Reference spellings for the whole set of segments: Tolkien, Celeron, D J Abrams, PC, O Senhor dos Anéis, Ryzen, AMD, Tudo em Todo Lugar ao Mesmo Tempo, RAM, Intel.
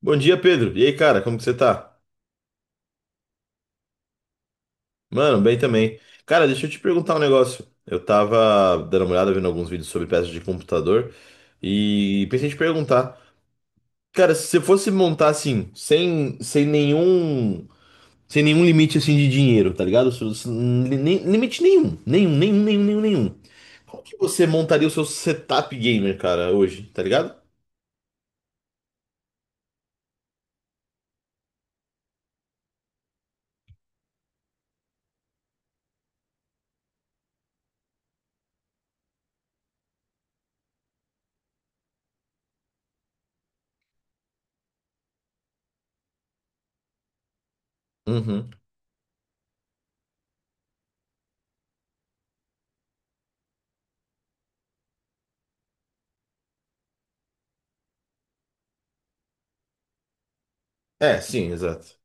Bom dia, Pedro. E aí, cara, como que você tá? Mano, bem também. Cara, deixa eu te perguntar um negócio. Eu tava dando uma olhada, vendo alguns vídeos sobre peças de computador e pensei em te perguntar. Cara, se você fosse montar assim, sem nenhum limite assim de dinheiro, tá ligado? Limite nenhum, nenhum, nenhum, nenhum, nenhum, nenhum. Como que você montaria o seu setup gamer, cara, hoje, tá ligado? Uhum. É, sim, exato.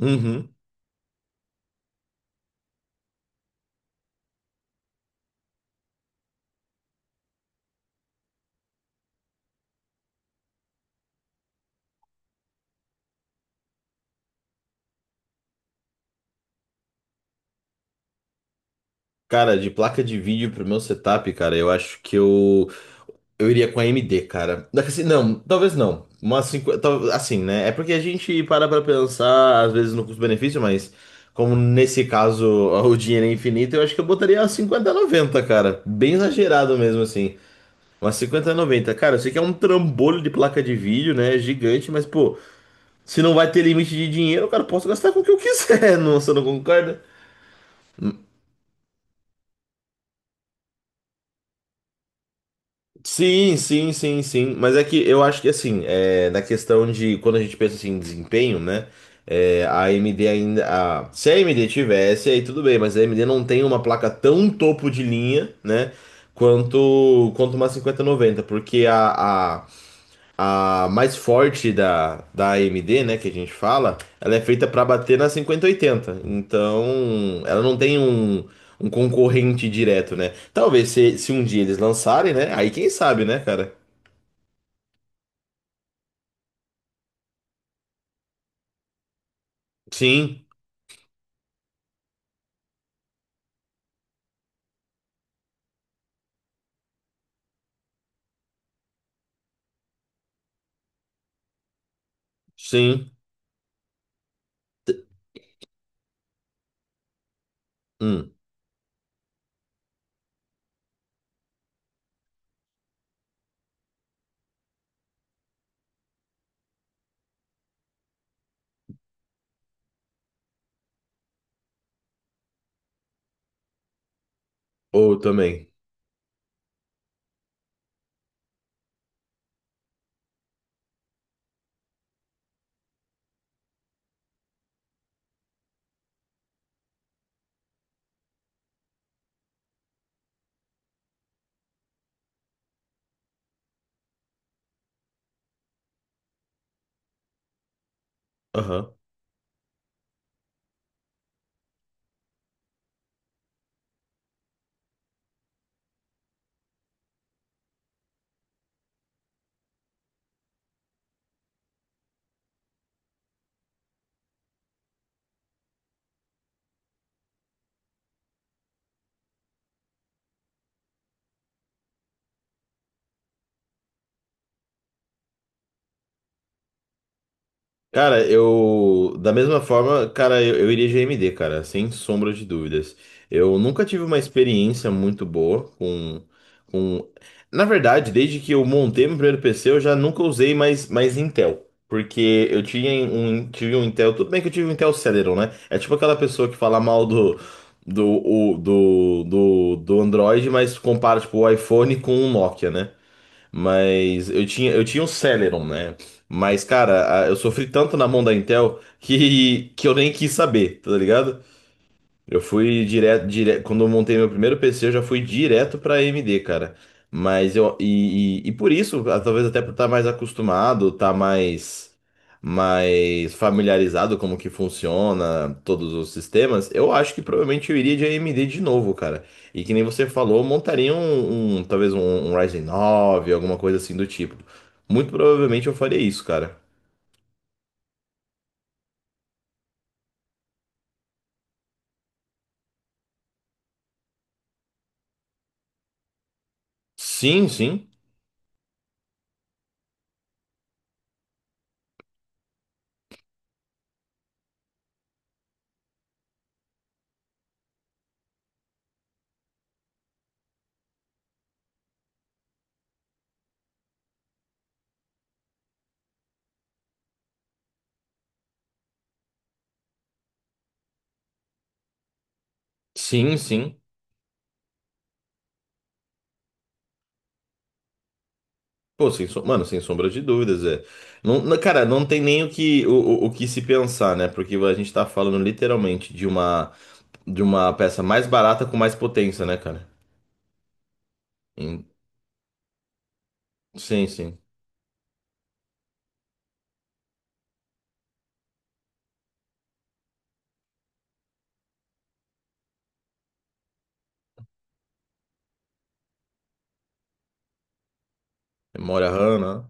Uhum. Cara, de placa de vídeo pro meu setup, cara, eu acho que eu iria com a AMD, cara. Daqui assim, não, talvez não. Uma 50 assim, né? É porque a gente para pra pensar, às vezes, no custo-benefício, mas como nesse caso o dinheiro é infinito, eu acho que eu botaria umas cinquenta a noventa, cara. Bem exagerado mesmo, assim. Uma noventa. Cara, eu sei que é um trambolho de placa de vídeo, né? Gigante, mas, pô, se não vai ter limite de dinheiro, cara, eu posso gastar com o que eu quiser, não, você não concorda? Sim, sim, sim, sim. Mas é que eu acho que assim, é, na questão de quando a gente pensa assim, em desempenho, né? É, a AMD ainda. Se a AMD tivesse, aí tudo bem, mas a AMD não tem uma placa tão topo de linha, né? Quanto uma 5090 porque a mais forte da AMD, né, que a gente fala, ela é feita para bater na 5080. Então, ela não tem um concorrente direto, né? Talvez se um dia eles lançarem, né? Aí quem sabe, né, cara? Sim, sim. Hum, ou também. Aham. Cara, eu. Da mesma forma, cara, eu iria GMD, cara, sem sombra de dúvidas. Eu nunca tive uma experiência muito boa com. Na verdade, desde que eu montei meu primeiro PC, eu já nunca usei mais Intel. Porque tive um Intel. Tudo bem que eu tive um Intel Celeron, né? É tipo aquela pessoa que fala mal do Android, mas compara tipo, o iPhone com o Nokia, né? Mas eu tinha um Celeron, né? Mas, cara, eu sofri tanto na mão da Intel que eu nem quis saber, tá ligado? Eu fui direto, direto, quando eu montei meu primeiro PC, eu já fui direto pra AMD, cara. Mas e por isso, ah, talvez até por estar mais acostumado, estar mais familiarizado como que funciona todos os sistemas, eu acho que provavelmente eu iria de AMD de novo, cara. E que nem você falou, eu montaria talvez um Ryzen 9, alguma coisa assim do tipo. Muito provavelmente eu faria isso, cara. Sim, sim. Sim, sim. Pô, sem som- mano, sem sombra de dúvidas, é. Não, cara, não tem nem o que se pensar, né? Porque a gente tá falando literalmente de uma peça mais barata com mais potência, né, cara? Em- sim, sim. Memória RAM, né?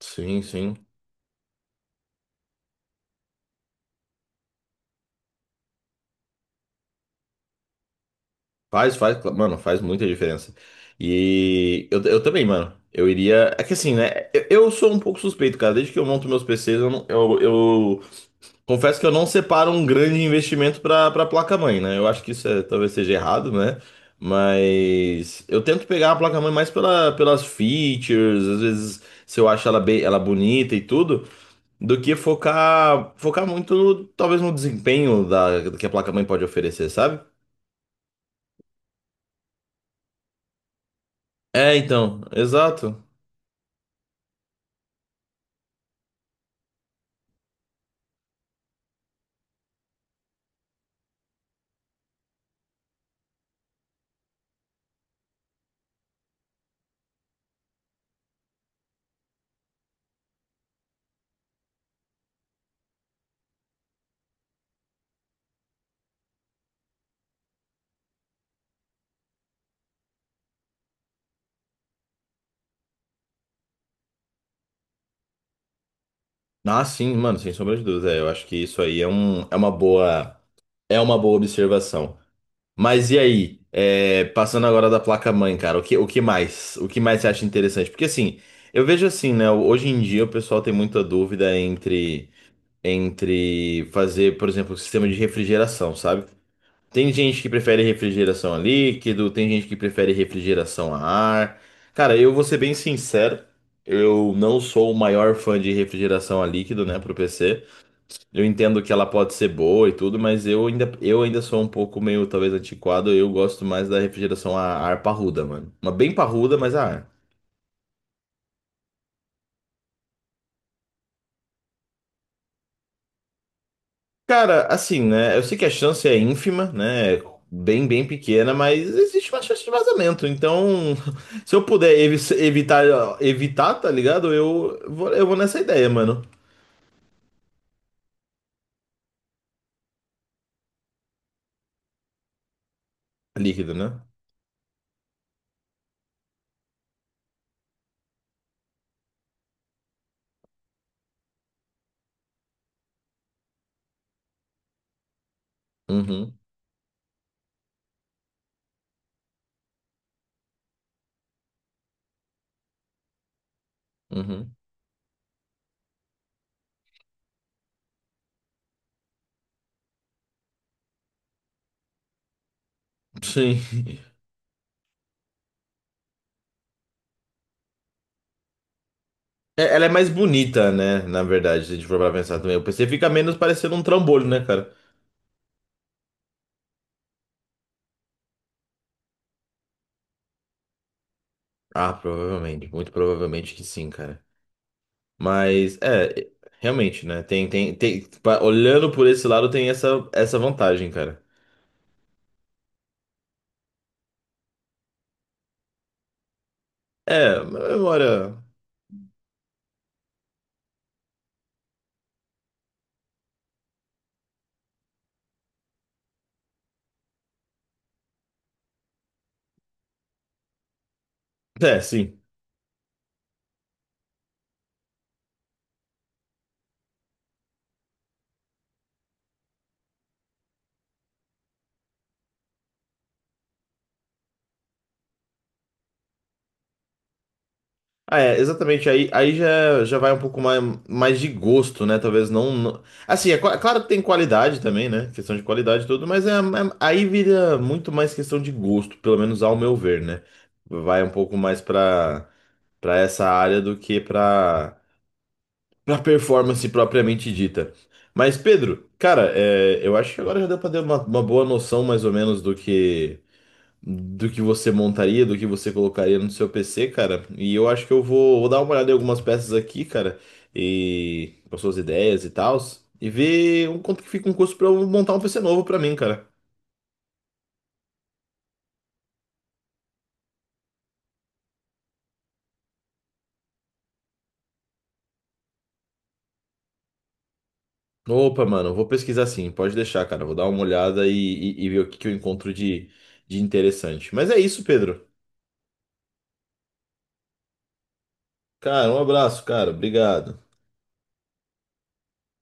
Sim, sim. Faz, faz, mano, faz muita diferença. E eu também, mano. Eu iria. É que assim, né? Eu sou um pouco suspeito, cara. Desde que eu monto meus PCs, eu, não- eu, Confesso que eu não separo um grande investimento para placa-mãe, né? Eu acho que isso talvez seja errado, né? Mas eu tento pegar a placa-mãe mais pelas features, às vezes se eu acho ela bem, ela bonita e tudo, do que focar muito talvez no desempenho da que a placa-mãe pode oferecer, sabe? É, então, exato. Ah, sim, mano, sem sombra de dúvida. É, eu acho que isso aí é uma boa observação. Mas e aí? É, passando agora da placa-mãe, cara, o que mais? O que mais você acha interessante? Porque assim, eu vejo assim, né? Hoje em dia o pessoal tem muita dúvida entre fazer, por exemplo, o sistema de refrigeração, sabe? Tem gente que prefere refrigeração a líquido, tem gente que prefere refrigeração a ar. Cara, eu vou ser bem sincero, eu não sou o maior fã de refrigeração a líquido, né, pro PC. Eu entendo que ela pode ser boa e tudo, mas eu ainda sou um pouco meio, talvez, antiquado. Eu gosto mais da refrigeração a ar parruda, mano. Uma bem parruda, mas a ar. Cara, assim, né? Eu sei que a chance é ínfima, né? É, bem, bem pequena, mas existe uma chance de vazamento. Então, se eu puder evitar, tá ligado? Eu vou nessa ideia, mano. Líquido, né? Uhum, uhum. Sim. É, ela é mais bonita, né? Na verdade, se a gente for pra pensar também. O PC fica menos parecendo um trambolho, né, cara? Ah, provavelmente, muito provavelmente que sim, cara. Mas é, realmente, né? Tem, olhando por esse lado, tem essa vantagem, cara. É, memória. É, sim. Ah, é, exatamente. Aí, já vai um pouco mais de gosto, né? Talvez não. Assim, é, é claro que tem qualidade também, né? Questão de qualidade e tudo, mas aí vira muito mais questão de gosto, pelo menos ao meu ver, né? Vai um pouco mais pra essa área do que pra performance propriamente dita. Mas, Pedro, cara, é, eu acho que agora já deu pra ter uma boa noção mais ou menos do que você montaria, do que você colocaria no seu PC, cara. E eu acho que eu vou dar uma olhada em algumas peças aqui, cara, e com as suas ideias e tals, e ver um quanto que fica um custo pra eu montar um PC novo pra mim, cara. Opa, mano, vou pesquisar sim, pode deixar, cara. Vou dar uma olhada e ver o que que eu encontro de interessante. Mas é isso, Pedro. Cara, um abraço, cara. Obrigado.